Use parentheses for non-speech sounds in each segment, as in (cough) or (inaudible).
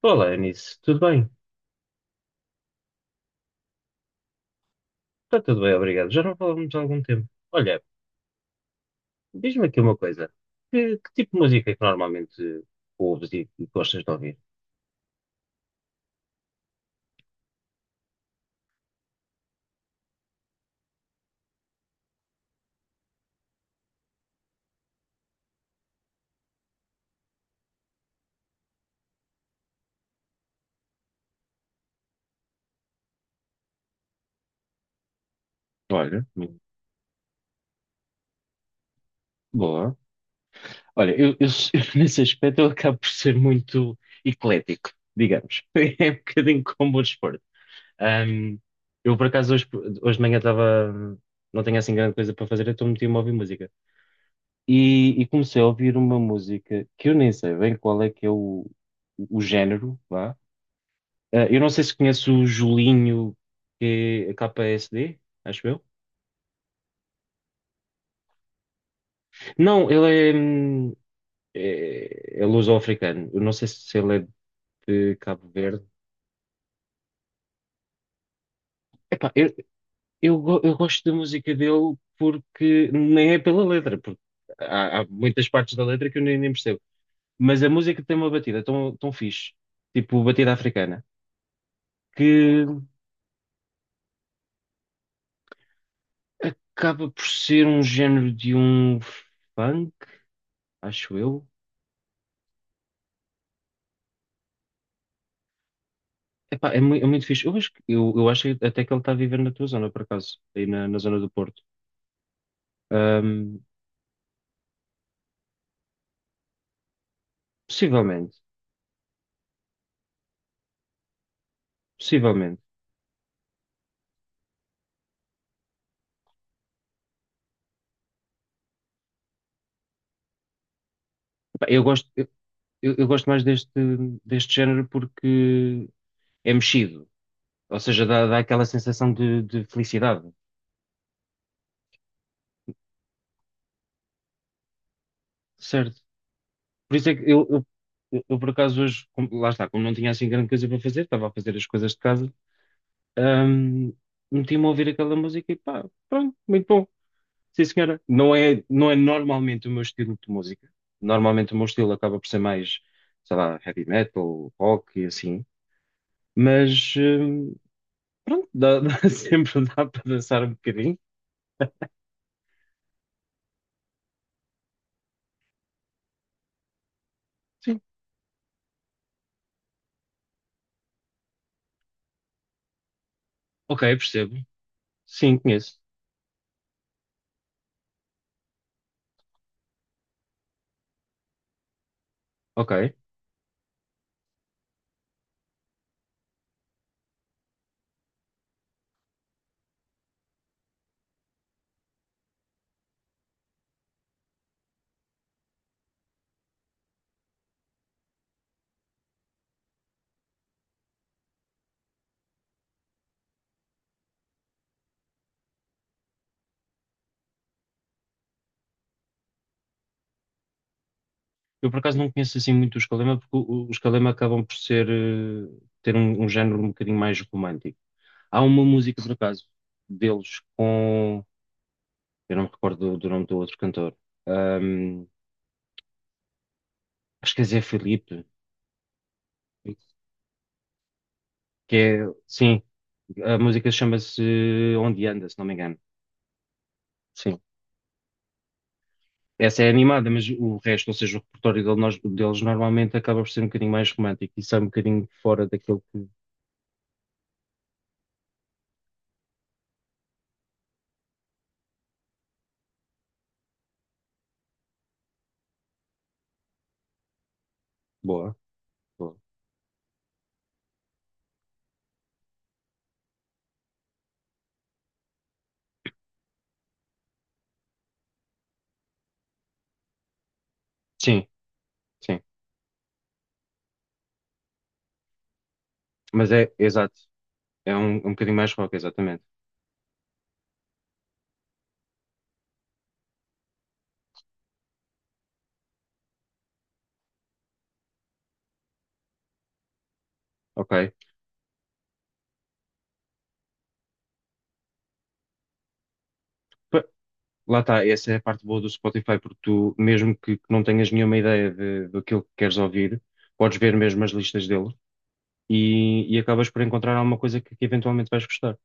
Olá, Eunice, tudo bem? Está tudo bem, obrigado. Já não falamos há algum tempo. Olha, diz-me aqui uma coisa. Que tipo de música é que normalmente ouves e gostas de ouvir? Olha, muito boa. Olha, eu, (laughs) eu nesse aspecto eu acabo por ser muito eclético, digamos. (laughs) É um bocadinho como o desporto. Ahm, eu, por acaso, hoje de manhã estava. Não tenho assim grande coisa para fazer, então meti-me a ouvir música. E comecei a ouvir uma música que eu nem sei bem qual é que é o género, vá. Ah, eu não sei se conheço o Julinho, que é KSD, acho eu. Não, ele é, é luso-africano. Eu não sei se ele é de Cabo Verde. Epá, eu gosto da música dele porque nem é pela letra, porque há muitas partes da letra que eu nem percebo. Mas a música tem uma batida tão fixe, tipo batida africana, que acaba por ser um género de um funk, acho eu. Epá, é muito fixe. Eu acho, eu acho até que ele está a viver na tua zona, por acaso, aí na zona do Porto. Ahm, possivelmente, possivelmente. Epá, eu gosto, eu gosto mais deste, deste género porque é mexido, ou seja, dá aquela sensação de felicidade, certo? Por isso é que eu, por acaso, hoje, como- lá está, como não tinha assim grande coisa para fazer, estava a fazer as coisas de casa, ahm, meti-me a ouvir aquela música e pá, pronto, muito bom. Sim, senhora. Não é normalmente o meu estilo de música. Normalmente o meu estilo acaba por ser mais, sei lá, heavy metal, rock e assim. Mas, pronto, (laughs) sempre dá para dançar um bocadinho. Sim. Ok, percebo. Sim, conheço. Ok. Eu por acaso não conheço assim muito o Escalema, porque os Escalema acabam por ser, ter um género um bocadinho mais romântico. Há uma música, por acaso, deles com. Eu não me recordo do nome do outro cantor. Ahm, acho que é Zé Felipe. Que é, sim, a música chama-se Onde Anda, se não me engano. Sim. Essa é animada, mas o resto, ou seja, o repertório dele- nós- deles normalmente acaba por ser um bocadinho mais romântico e sai um bocadinho fora daquilo que. Boa, boa. Sim, sim. Mas é, exato. É um bocadinho mais rock, exatamente. Ok. Pa- Lá está, essa é a parte boa do Spotify, porque tu, mesmo que não tenhas nenhuma ideia do que queres ouvir, podes ver mesmo as listas deles e acabas por encontrar alguma coisa que eventualmente vais gostar.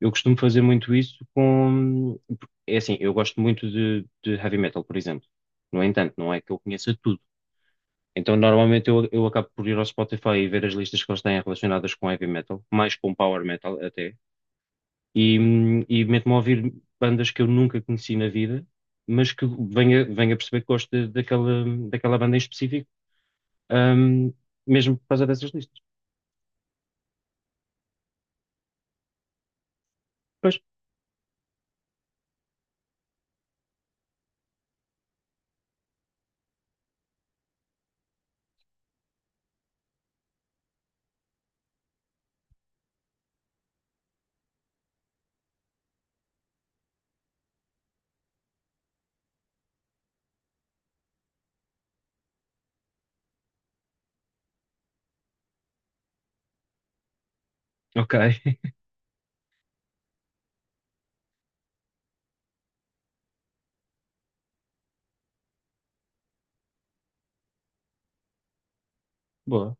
Eu costumo fazer muito isso com. É assim, eu gosto muito de heavy metal, por exemplo. No entanto, não é que eu conheça tudo. Então, normalmente, eu acabo por ir ao Spotify e ver as listas que eles têm relacionadas com heavy metal, mais com power metal até, e meto-me a ouvir bandas que eu nunca conheci na vida, mas que venha a perceber que gosto de- daquela banda em específico, ahm, mesmo por causa dessas listas. Pois, ok, (laughs) boa.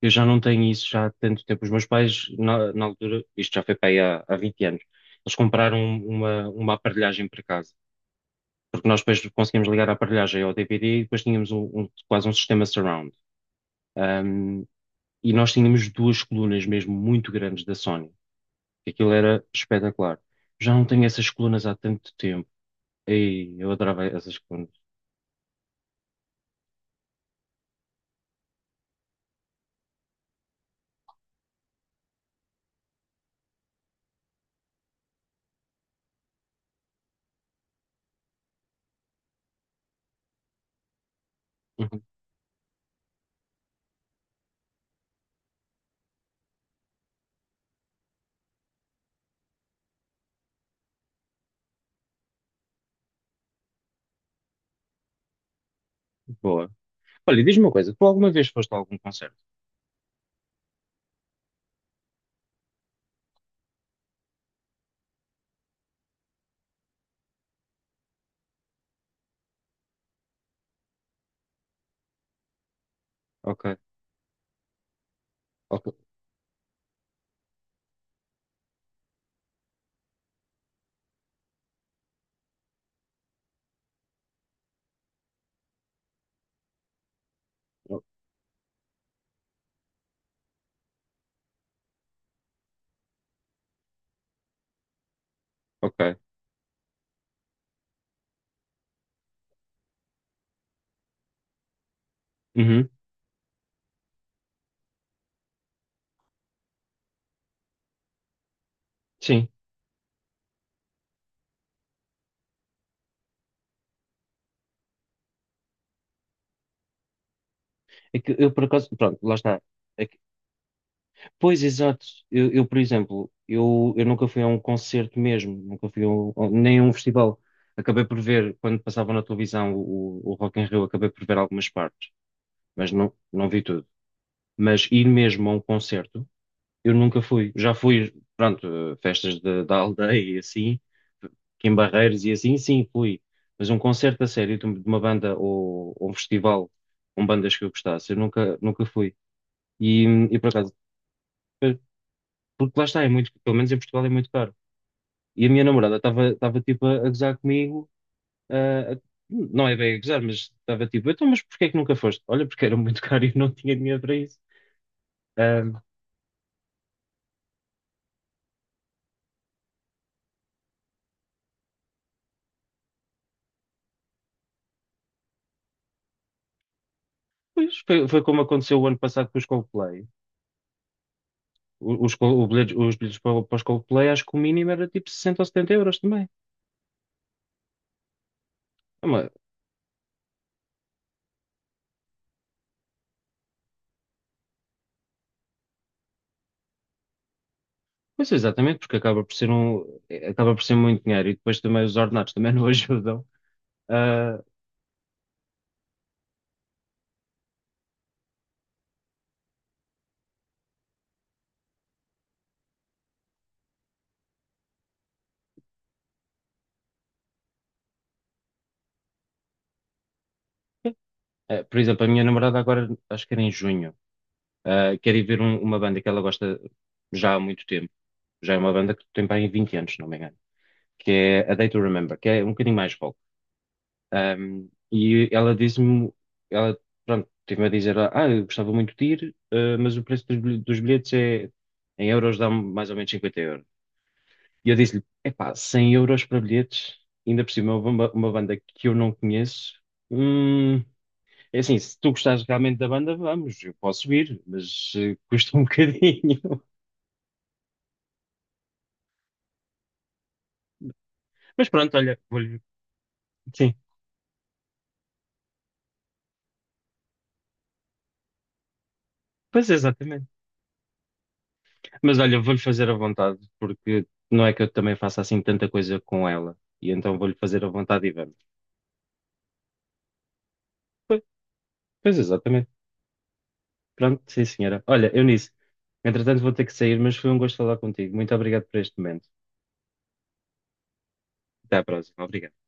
Eu já não tenho isso já há tanto tempo. Os meus pais, na altura, isto já foi para aí há 20 anos, eles compraram uma aparelhagem para casa. Porque nós depois conseguimos ligar a aparelhagem ao DVD e depois tínhamos um, um- quase um sistema surround. Ahm, e nós tínhamos duas colunas mesmo muito grandes da Sony. Aquilo era espetacular. Já não tenho essas colunas há tanto tempo. Ei, eu adorava essas colunas. Uhum. Boa. Olha, diz-me uma coisa, tu alguma vez foste a algum concerto? Ok, ok, ok. Uhum. Sim. É que eu por acaso, pronto, lá está. É que- pois, exato. Por exemplo, eu nunca fui a um concerto mesmo, nunca fui a um, a nem a um festival. Acabei por ver, quando passava na televisão o Rock in Rio, acabei por ver algumas partes, mas não vi tudo. Mas ir mesmo a um concerto, eu nunca fui. Já fui, pronto, a festas de- da aldeia e assim, aqui em Barreiros e assim, sim, fui. Mas um concerto a sério de uma banda ou um festival com bandas que eu gostasse, eu nunca fui. E, e por acaso, é, porque lá está, é muito, pelo menos em Portugal é muito caro. E a minha namorada estava tipo a gozar comigo, ah, a- não é bem a gozar, mas estava tipo, então, mas porquê é que nunca foste? Olha, porque era muito (laughs) caro e eu não tinha dinheiro para isso. Ah, pois foi, foi como aconteceu o ano passado com os Coldplay. Os bilhetes para, para os Coldplay, acho que o mínimo era tipo 60 ou 70 euros também. É uma- Pois exatamente, porque acaba por ser um, acaba por ser muito dinheiro e depois também os ordenados também não (laughs) ajudam. Ah, por exemplo, a minha namorada agora, acho que era em junho. Quer ir ver uma banda que ela gosta já há muito tempo. Já é uma banda que tem bem 20 anos, se não me engano. Que é A Day to Remember, que é um bocadinho mais rock. Um, e ela disse-me, ela, pronto, teve-me a dizer, ah, eu gostava muito de ir, mas o preço dos bilhe- dos bilhetes é, em euros dá-me mais ou menos 50 euros. E eu disse-lhe, epá, 100 euros para bilhetes, ainda por cima uma banda que eu não conheço, hum, é assim, se tu gostares realmente da banda, vamos, eu posso ir, mas custa um (laughs) bocadinho. Mas pronto, olha, vou-lhe. Sim, pois exatamente. Mas olha, vou-lhe fazer à vontade, porque não é que eu também faça assim tanta coisa com ela. E então vou-lhe fazer à vontade e vamos. Pois, pois exatamente. Pronto, sim, senhora. Olha, Eunice, entretanto vou ter que sair, mas foi um gosto falar contigo. Muito obrigado por este momento. Até à próxima. Obrigado.